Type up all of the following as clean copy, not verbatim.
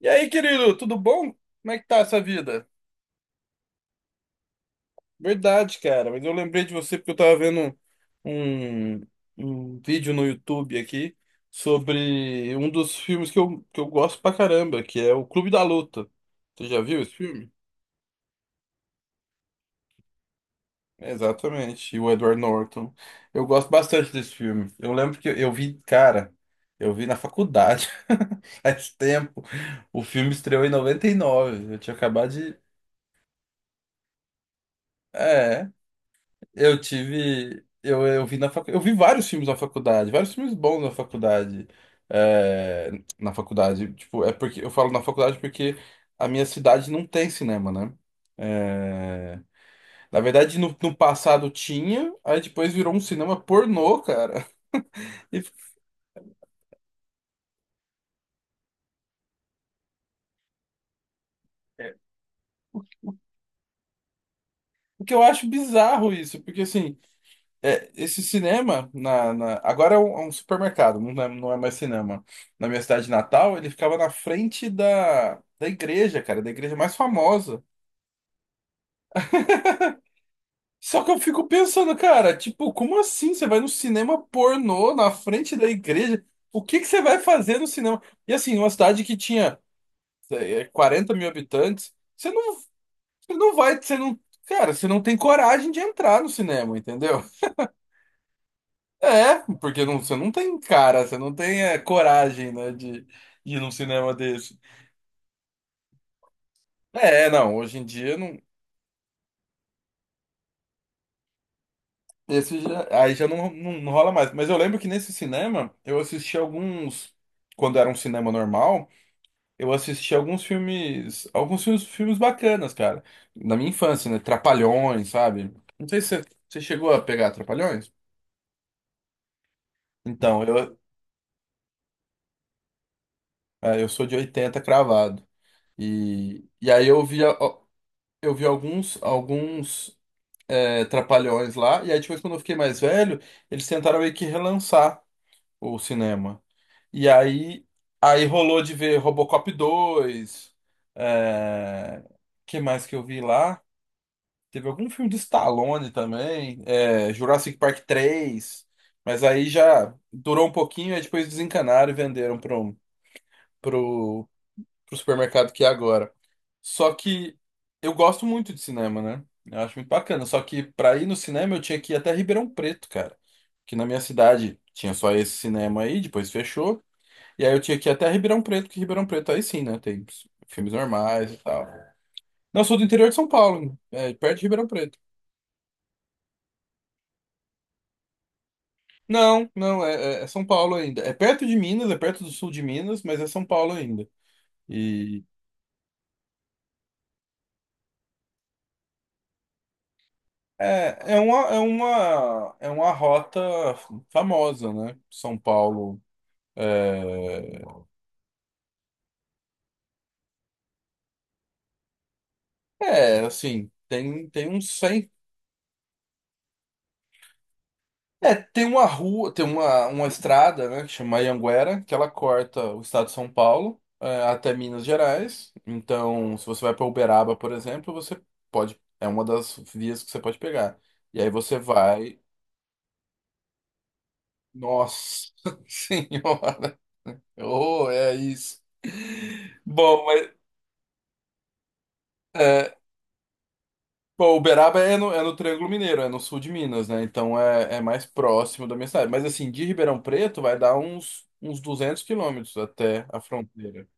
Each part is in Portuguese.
E aí, querido, tudo bom? Como é que tá essa vida? Verdade, cara, mas eu lembrei de você porque eu tava vendo um, um vídeo no YouTube aqui sobre um dos filmes que que eu gosto pra caramba, que é o Clube da Luta. Você já viu esse filme? Exatamente, e o Edward Norton. Eu gosto bastante desse filme. Eu lembro que eu vi, cara, eu vi na faculdade, faz tempo. O filme estreou em 99. Eu tinha acabado de. É. Eu tive. Eu vi na Eu vi vários filmes na faculdade, vários filmes bons na faculdade. É, na faculdade, tipo, é porque eu falo na faculdade porque a minha cidade não tem cinema, né? É, na verdade, no passado tinha, aí depois virou um cinema pornô, cara. E, o que eu acho bizarro isso, porque assim, é, esse cinema, agora é um supermercado, não é mais cinema. Na minha cidade natal, ele ficava na frente da igreja, cara, da igreja mais famosa. Só que eu fico pensando, cara, tipo, como assim você vai no cinema pornô na frente da igreja? O que que você vai fazer no cinema? E assim, uma cidade que tinha 40 mil habitantes, você você não vai, você não, cara, você não tem coragem de entrar no cinema, entendeu? É, porque você não tem cara, você não tem coragem, né, de ir num cinema desse. É, não, hoje em dia não, esse já- aí já não, não, não rola mais. Mas eu lembro que nesse cinema eu assisti alguns, quando era um cinema normal, eu assisti alguns filmes, filmes bacanas, cara. Na minha infância, né? Trapalhões, sabe? Não sei se você chegou a pegar Trapalhões. Então, eu, é, eu sou de 80 cravado. E aí eu vi, eu vi alguns, alguns. É, Trapalhões lá. E aí depois, quando eu fiquei mais velho, eles tentaram meio que relançar o cinema. E aí, aí rolou de ver Robocop 2. É... que mais que eu vi lá? Teve algum filme de Stallone também. É, Jurassic Park 3. Mas aí já durou um pouquinho, aí depois desencanaram e venderam para um pro supermercado que é agora. Só que eu gosto muito de cinema, né? Eu acho muito bacana. Só que pra ir no cinema eu tinha que ir até Ribeirão Preto, cara. Que na minha cidade tinha só esse cinema aí, depois fechou. E aí eu tinha que ir até Ribeirão Preto, que Ribeirão Preto aí sim, né? Tem filmes normais e tal. Não, eu sou do interior de São Paulo, é, perto de Ribeirão Preto. Não, não, é São Paulo ainda. É perto de Minas, é perto do sul de Minas, mas é São Paulo ainda. E é, é uma rota famosa, né? São Paulo. É, é, assim, tem uns 100. É, tem uma rua, uma estrada, né, que chama Anhanguera, que ela corta o estado de São Paulo, é, até Minas Gerais. Então, se você vai para Uberaba, por exemplo, você pode. É uma das vias que você pode pegar. E aí você vai. Nossa Senhora! Oh, é isso. Bom, mas. é, Pô, Uberaba é é no Triângulo Mineiro, é no sul de Minas, né? Então é, é mais próximo da minha cidade. Mas assim, de Ribeirão Preto vai dar uns 200 km até a fronteira.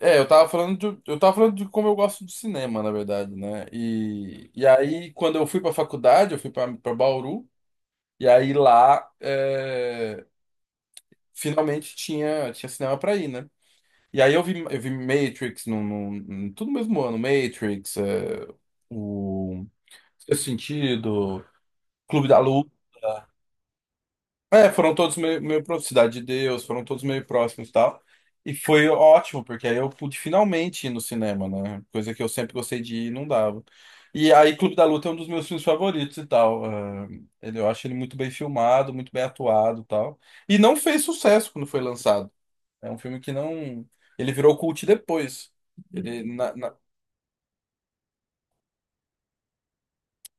É, eu tava falando de, eu tava falando de como eu gosto de cinema, na verdade, né? E aí, quando eu fui pra faculdade, eu fui pra Bauru, e aí lá é, finalmente tinha cinema pra ir, né? E aí eu vi Matrix, tudo no mesmo ano, Matrix, é, o Sexto Sentido, Clube da Luta. É, foram todos meio, meio próximos, Cidade de Deus, foram todos meio próximos e tal. E foi ótimo, porque aí eu pude finalmente ir no cinema, né? Coisa que eu sempre gostei de ir e não dava. E aí Clube da Luta é um dos meus filmes favoritos e tal. Ah, ele, eu acho ele muito bem filmado, muito bem atuado e tal. E não fez sucesso quando foi lançado. É um filme que não... Ele virou cult depois. Ele, na,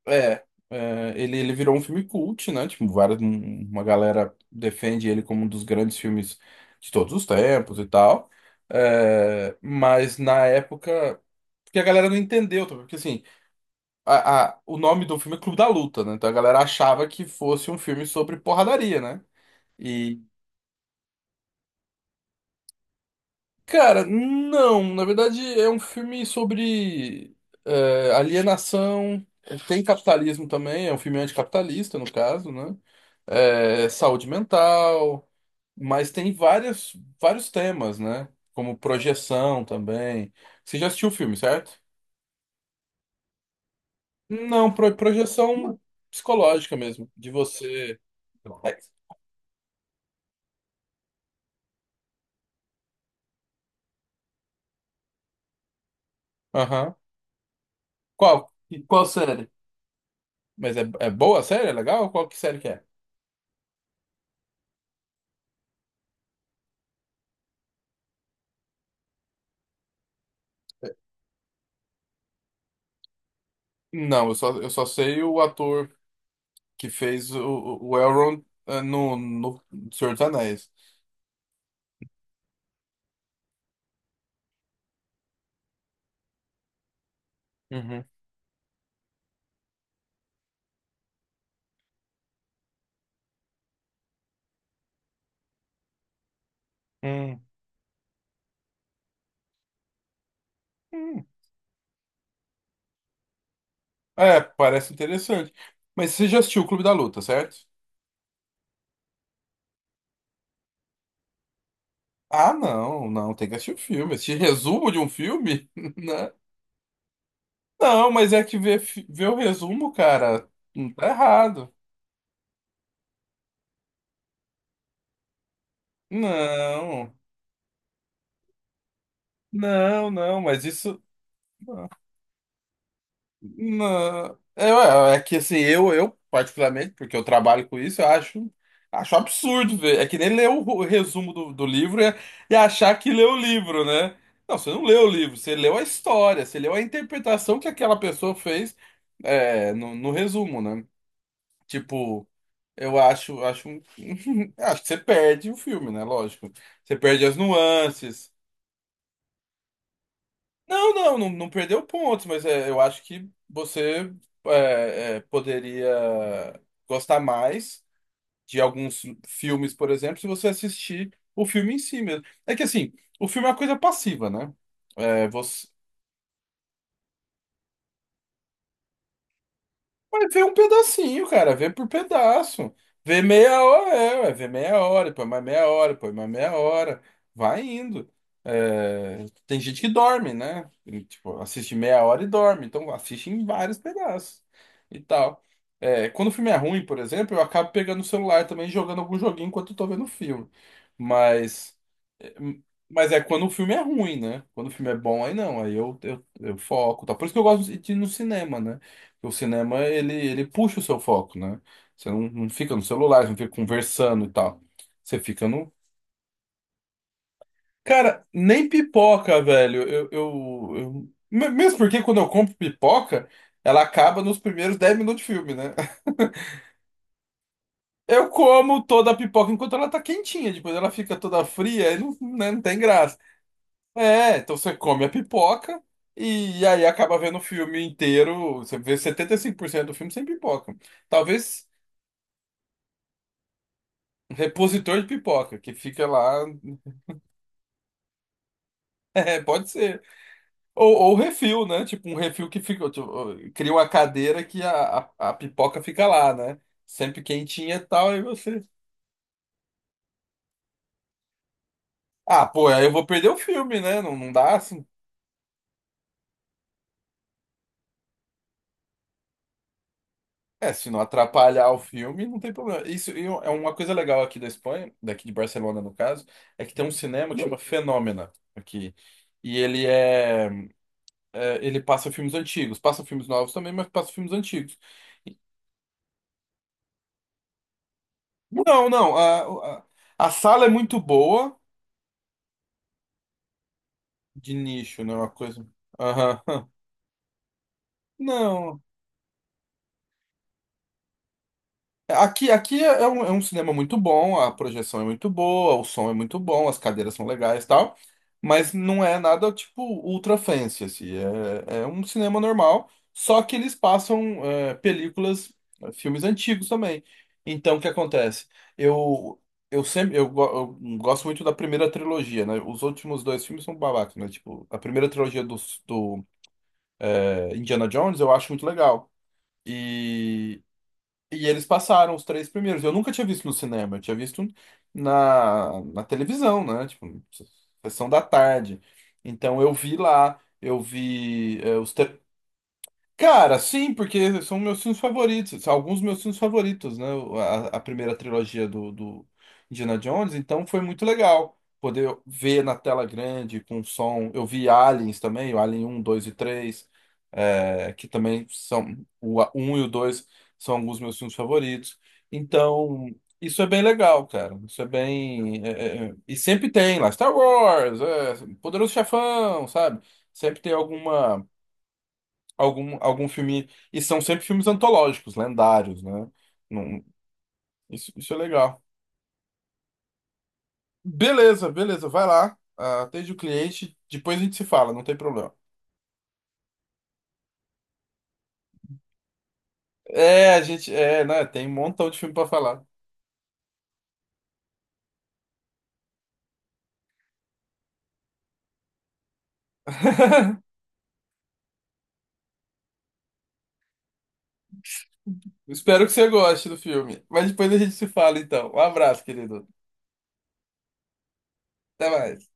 é, é, ele virou um filme cult, né? Tipo, várias, uma galera defende ele como um dos grandes filmes de todos os tempos e tal. É, mas na época, porque a galera não entendeu, tá? Porque assim, o nome do filme é Clube da Luta, né? Então a galera achava que fosse um filme sobre porradaria, né? Cara, não. Na verdade, é um filme sobre eh, alienação. Tem capitalismo também. É um filme anticapitalista, no caso, né? Eh, saúde mental. Mas tem vários, vários temas, né? Como projeção também. Você já assistiu o filme, certo? Não, projeção psicológica mesmo. De você. É, aham. Qual? E qual série? Mas é, é boa a série? É legal? Qual que série que é? Não, eu só sei o ator que fez o, o Elrond eh, no Senhor dos Anéis. Uhum. Hum, hum. É, parece interessante. Mas você já assistiu o Clube da Luta, certo? Ah, não, não, tem que assistir o filme. Assistir resumo de um filme? Né? Não, mas é que ver, ver o resumo, cara, não tá errado. Não, não, não, mas isso. Não, é, é que assim, eu particularmente, porque eu trabalho com isso, eu acho, acho absurdo ver. É que nem ler o resumo do livro e achar que leu o livro, né? Não, você não leu o livro, você leu a história, você leu a interpretação que aquela pessoa fez é, no resumo, né? Tipo, eu acho, acho, acho que você perde o filme, né? Lógico. Você perde as nuances. Não, não, não, não perdeu pontos, mas é, eu acho que você é, é, poderia gostar mais de alguns filmes, por exemplo, se você assistir o filme em si mesmo. É que assim, o filme é uma coisa passiva, né? É, mas vê um pedacinho, cara, vê por pedaço. Vê meia hora, é, ué, vê meia hora, põe mais meia hora, põe mais meia hora. Vai indo. É, tem gente que dorme, né? E, tipo, assiste meia hora e dorme. Então assiste em vários pedaços e tal. É, quando o filme é ruim, por exemplo, eu acabo pegando o celular também e jogando algum joguinho enquanto eu tô vendo o filme. Mas. Mas é quando o filme é ruim, né? Quando o filme é bom, aí não, aí eu foco, tá? Por isso que eu gosto de ir no cinema, né? Porque o cinema, ele puxa o seu foco, né? Você não fica no celular, você não fica conversando e tal. Você fica no... Cara, nem pipoca, velho. Mesmo porque quando eu compro pipoca, ela acaba nos primeiros 10 minutos de filme, né? Eu como toda a pipoca enquanto ela tá quentinha, depois ela fica toda fria e não, né, não tem graça. É, então você come a pipoca e aí acaba vendo o filme inteiro. Você vê 75% do filme sem pipoca. Talvez repositor de pipoca, que fica lá. É, pode ser. Ou refil, né? Tipo, um refil que fica. Tipo, cria uma cadeira que a pipoca fica lá, né? Sempre quentinha e tal, aí você. Ah, pô, aí eu vou perder o filme, né? Não, não dá. Assim, é, se não atrapalhar o filme, não tem problema. Isso e um, é uma coisa legal aqui da Espanha, daqui de Barcelona no caso, é que tem um cinema que chama Fenômena aqui. E ele é, é, ele passa filmes antigos, passa filmes novos também, mas passa filmes antigos. E- Não, não, a sala é muito boa de nicho, né? Uma coisa. Aham. Não. Aqui, aqui é um, é um cinema muito bom, a projeção é muito boa, o som é muito bom, as cadeiras são legais e tal, mas não é nada tipo ultra fancy, assim, é, é um cinema normal, só que eles passam é, películas, é, filmes antigos também. Então, o que acontece? Eu, eu gosto muito da primeira trilogia, né? Os últimos dois filmes são babacas, né? Tipo, a primeira trilogia do é, Indiana Jones eu acho muito legal. E e eles passaram os três primeiros. Eu nunca tinha visto no cinema, eu tinha visto na televisão, né? Tipo, sessão da tarde. Então eu vi lá, eu vi é, os, te- Cara, sim, porque são meus filmes favoritos, são alguns meus filmes favoritos, né? A primeira trilogia do Indiana Jones, então foi muito legal poder ver na tela grande, com som. Eu vi Aliens também, o Alien 1, 2 e 3 é, que também são. O um e o 2 são alguns meus filmes favoritos. Então, isso é bem legal, cara. Isso é bem. É, é, é, e sempre tem lá, Star Wars, é, Poderoso Chefão, sabe? Sempre tem alguma algum, algum filme. E são sempre filmes antológicos, lendários, né? Não- isso, isso é legal. Beleza, beleza, vai lá. Ah, atende o cliente, depois a gente se fala, não tem problema. É, a gente. É, né? Tem um montão de filme pra falar. Espero que você goste do filme. Mas depois a gente se fala, então. Um abraço, querido. Até mais.